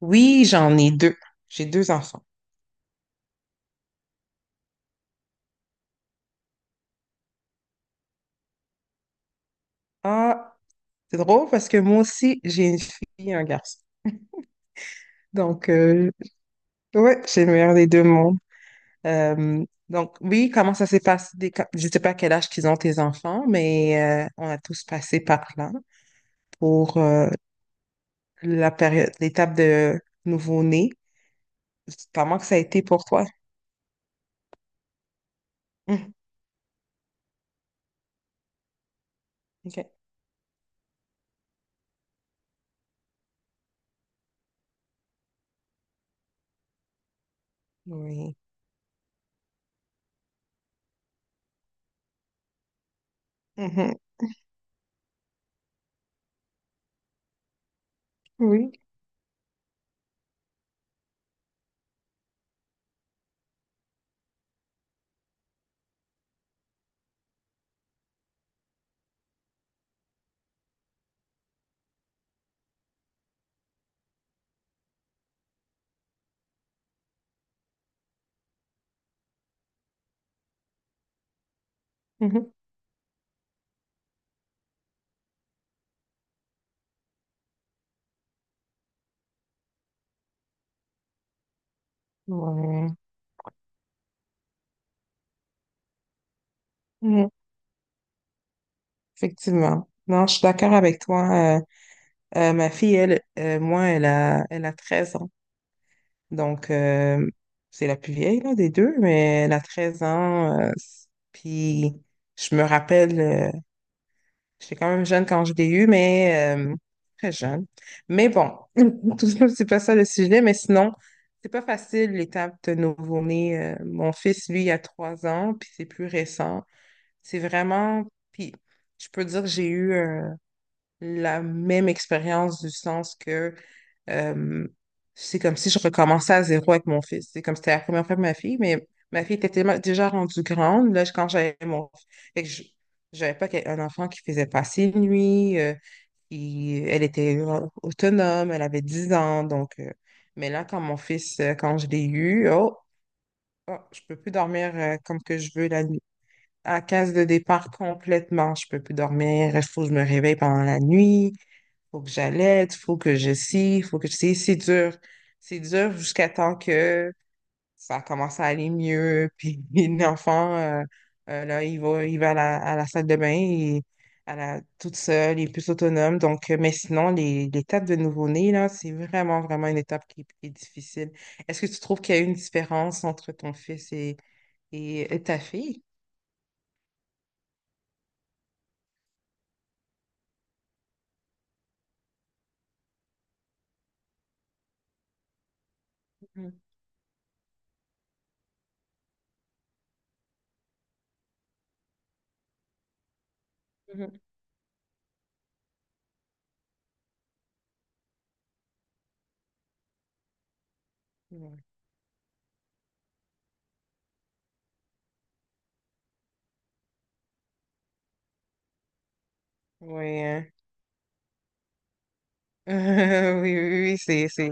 Oui, j'en ai deux. J'ai deux enfants. Ah, c'est drôle parce que moi aussi, j'ai une fille et un garçon. Donc, ouais, j'ai le meilleur des deux mondes. Euh, donc, oui, comment ça s'est passé? Je sais pas quel âge qu'ils ont tes enfants, mais on a tous passé par là pour la période, l'étape de nouveau-né. Comment que ça a été pour toi? Hum. OK. Oui. Mhm. Oui. Mhm. Ouais. Mhm. Effectivement. Non, je suis d'accord avec toi. Ma fille, elle, moi, elle a 13 ans. Donc, c'est la plus vieille là, des deux, mais elle a 13 ans. Puis, je me rappelle, j'étais quand même jeune quand je l'ai eu, mais très jeune. Mais bon, tout ça, c'est pas ça le sujet, mais sinon, c'est pas facile l'étape de nouveau-né. Mon fils, lui, il a 3 ans, puis c'est plus récent. C'est vraiment. Puis, je peux dire que j'ai eu la même expérience du sens que. Euh, c'est comme si je recommençais à zéro avec mon fils. C'est comme si c'était la première fois de ma fille, mais ma fille était tellement déjà rendue grande là, quand j'avais mon fils. Fait que je n'avais pas un enfant qui faisait passer une nuit. Elle était autonome, elle avait 10 ans. Donc, mais là, quand mon fils, quand je l'ai eu, oh, oh, je peux plus dormir comme que je veux la nuit. À la case de départ complètement, je peux plus dormir. Il faut que je me réveille pendant la nuit, faut que j'allaite, faut que je scie, faut que je scie. C'est dur. C'est dur jusqu'à temps que ça commence à aller mieux. Puis l'enfant, là, il va à la salle de bain et à la, toute seule, il est plus autonome. Donc, mais sinon, l'étape de nouveau-né, là, c'est vraiment, vraiment une étape qui est difficile. Est-ce que tu trouves qu'il y a une différence entre ton fils et, ta fille? Mhm, mhm. Ouais. Oui, hein. Oui, oui, oui, c'est.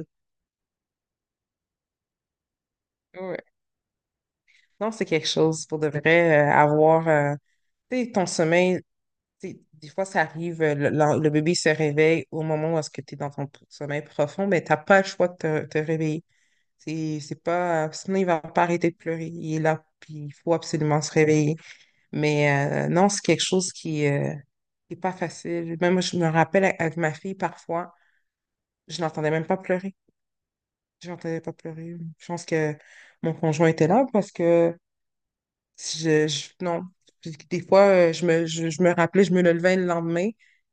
Non, c'est quelque chose pour de vrai, avoir tu sais, ton sommeil. Tu sais, des fois, ça arrive, le bébé se réveille au moment où est-ce que tu es dans ton sommeil profond, mais t'as pas le choix de te, réveiller. C'est pas, sinon, il va pas arrêter de pleurer. Il est là, puis il faut absolument se réveiller. Mais non, c'est quelque chose qui est pas facile. Même moi, je me rappelle avec ma fille, parfois, je n'entendais même pas pleurer. Je n'entendais pas pleurer. Je pense que mon conjoint était là parce que. Si non. Puis des fois, je me rappelais, je me levais le lendemain.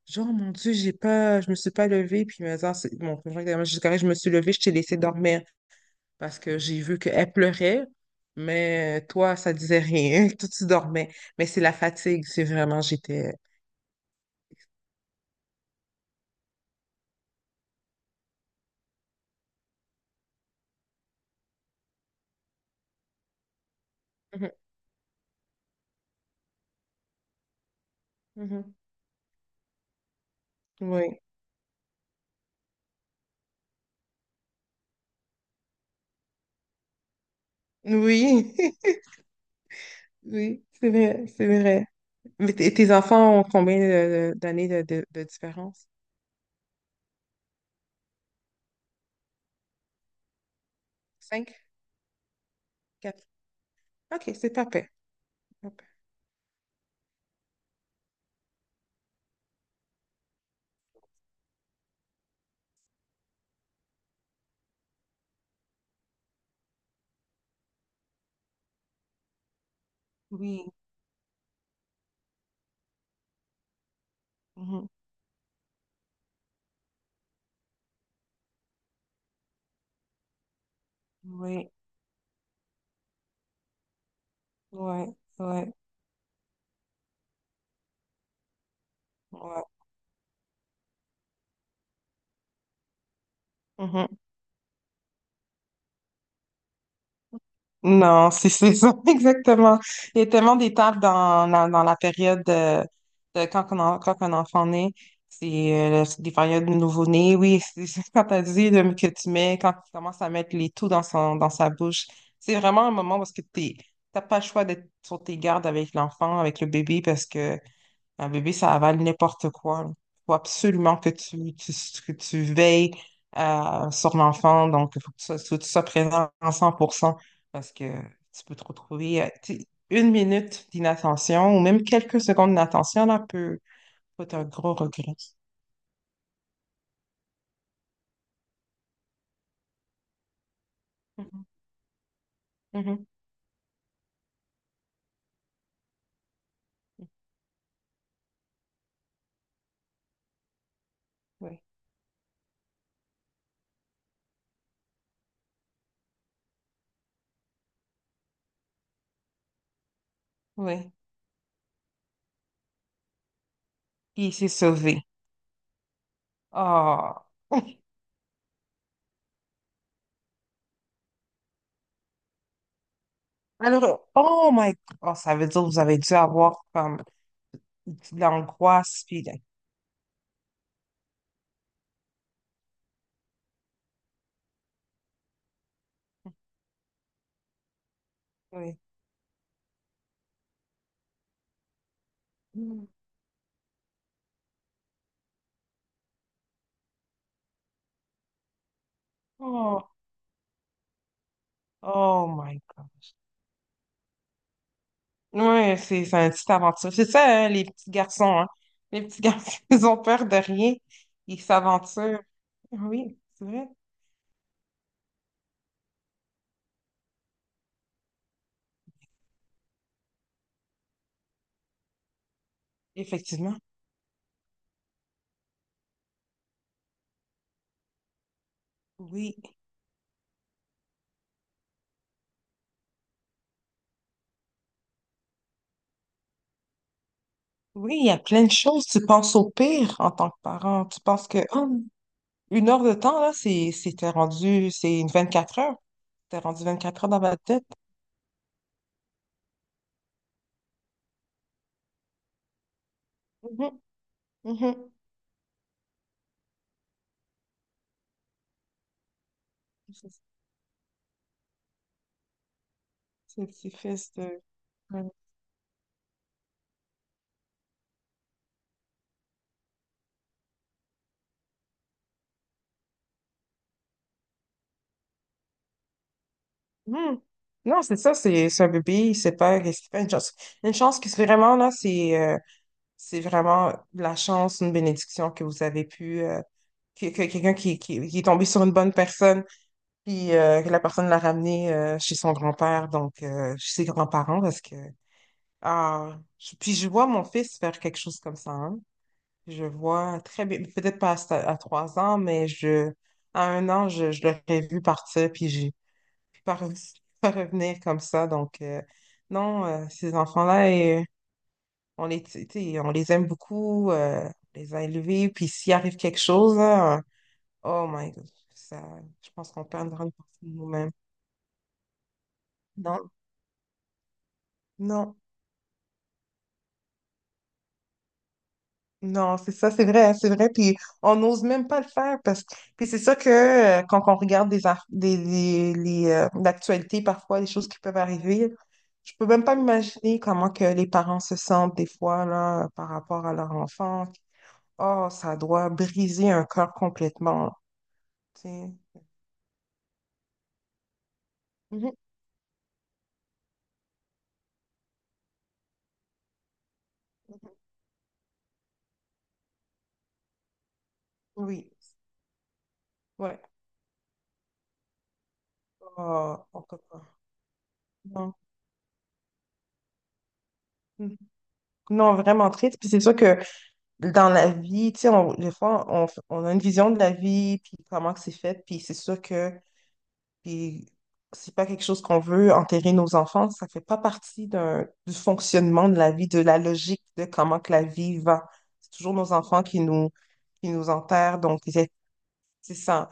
Genre, oh mon Dieu, j'ai pas, je me suis pas levée. Puis mes heures, mon conjoint était vraiment, je dis, correct, je me suis levée, je t'ai laissé dormir parce que j'ai vu qu'elle pleurait, mais toi, ça disait rien. Toi, tu dormais. Mais c'est la fatigue, c'est vraiment, j'étais. Mhm, mhm. Oui. Oui. Oui, c'est vrai, c'est vrai. Mais tes enfants ont combien d'années de différence? Cinq? Quatre? OK, c'est pas pire. Pas pire. Oui, mhm, oui, ouais, ouais, ouais. Mhm. Non, c'est ça, exactement. Il y a tellement d'étapes dans la période de quand un enfant naît. C'est c'est des périodes de nouveau-né, oui. C'est Quand tu as dit que tu mets, quand tu commences à mettre les tout dans son, dans sa bouche, c'est vraiment un moment parce que tu n'as pas le choix d'être sur tes gardes avec l'enfant, avec le bébé, parce que un bébé, ça avale n'importe quoi. Il faut absolument que que tu veilles sur l'enfant. Donc, il faut que tu sois, faut que tu sois présent à 100% parce que tu peux te retrouver. Tu sais, une minute d'inattention ou même quelques secondes d'inattention, là, peut, être un gros regret. Mhm, mhm. Oui, oui. Puis il s'est sauvé. Oh. Alors, oh my God. Oh, ça veut dire que vous avez dû avoir comme de l'angoisse, puis oui. Oh. Oh my gosh. Ouais, c'est une petite aventure. C'est ça, hein, les petits garçons, hein. Les petits garçons, ils ont peur de rien. Ils s'aventurent. Oui, c'est vrai. Effectivement. Oui. Oui, il y a plein de choses. Tu penses au pire en tant que parent. Tu penses que oh, 1 heure de temps, là, c'est t'es rendu, c'est une 24 heures. T'es rendu 24 heures dans ma tête. Mhm, mhm. C'est c'est fils de. Hmm. Non, c'est ça, c'est un bébé, c'est pas une chance. Une chance qui, c'est vraiment, là, c'est vraiment de la chance, une bénédiction que vous avez pu, que quelqu'un qui, est tombé sur une bonne personne, puis que la personne l'a ramené chez son grand-père, donc chez ses grands-parents, parce que, ah, puis je vois mon fils faire quelque chose comme ça, hein. Je vois très bien, peut-être pas à, à 3 ans, mais à 1 an, je l'aurais vu partir, puis j'ai pas, re- pas revenir comme ça. Donc, non, ces enfants-là, euh, on les, tu sais, on les aime beaucoup, on les a élevés, puis s'il arrive quelque chose, là, oh my God, ça, je pense qu'on perd une grande partie de nous-mêmes. Non, non. Non, c'est ça, c'est vrai, hein, c'est vrai. Puis on n'ose même pas le faire parce que. Puis c'est ça que quand on regarde des, ar- des- les, l'actualité, parfois, les choses qui peuvent arriver, je peux même pas m'imaginer comment que les parents se sentent des fois là, par rapport à leur enfant. Oh, ça doit briser un cœur complètement. Tu sais. Mhm. Oui, ouais. Oh, on peut pas. Non. Mhm. Non, vraiment triste. Puis c'est sûr que dans la vie, tu sais, des fois, on a une vision de la vie, puis comment que c'est fait, puis c'est sûr que puis c'est pas quelque chose qu'on veut enterrer nos enfants, ça fait pas partie d'un, du fonctionnement de la vie, de la logique de comment que la vie va. C'est toujours nos enfants qui nous, enterrent, donc c'est ça.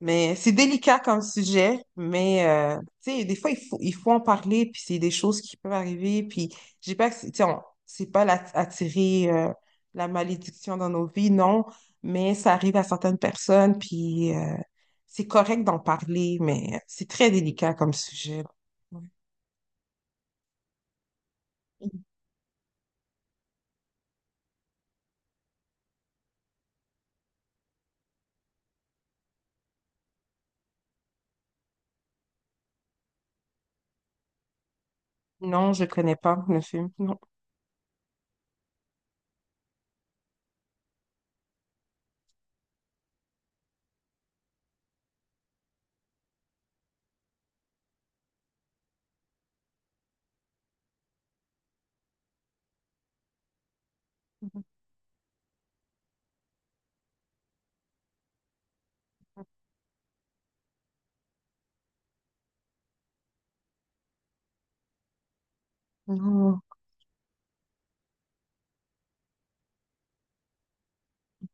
Mais c'est délicat comme sujet, mais tu sais, des fois, il faut en parler, puis c'est des choses qui peuvent arriver, puis j'ai pas, tu sais, c'est pas la- attirer la malédiction dans nos vies, non, mais ça arrive à certaines personnes, puis c'est correct d'en parler, mais c'est très délicat comme sujet. Ouais. Non, je connais pas le film, non. Non,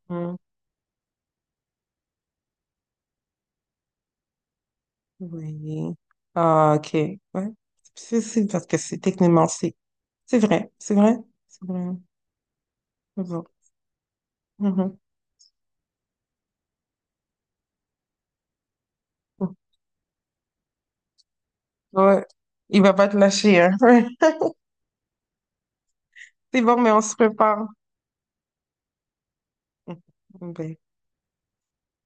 non, oui. Ah, OK, ouais. C'est parce que c'est techniquement, c'est vrai, c'est vrai, c'est vrai. Bon. Mhm. Ouais. Il va pas te lâcher, hein. C'est bon, mais on se prépare. Bye.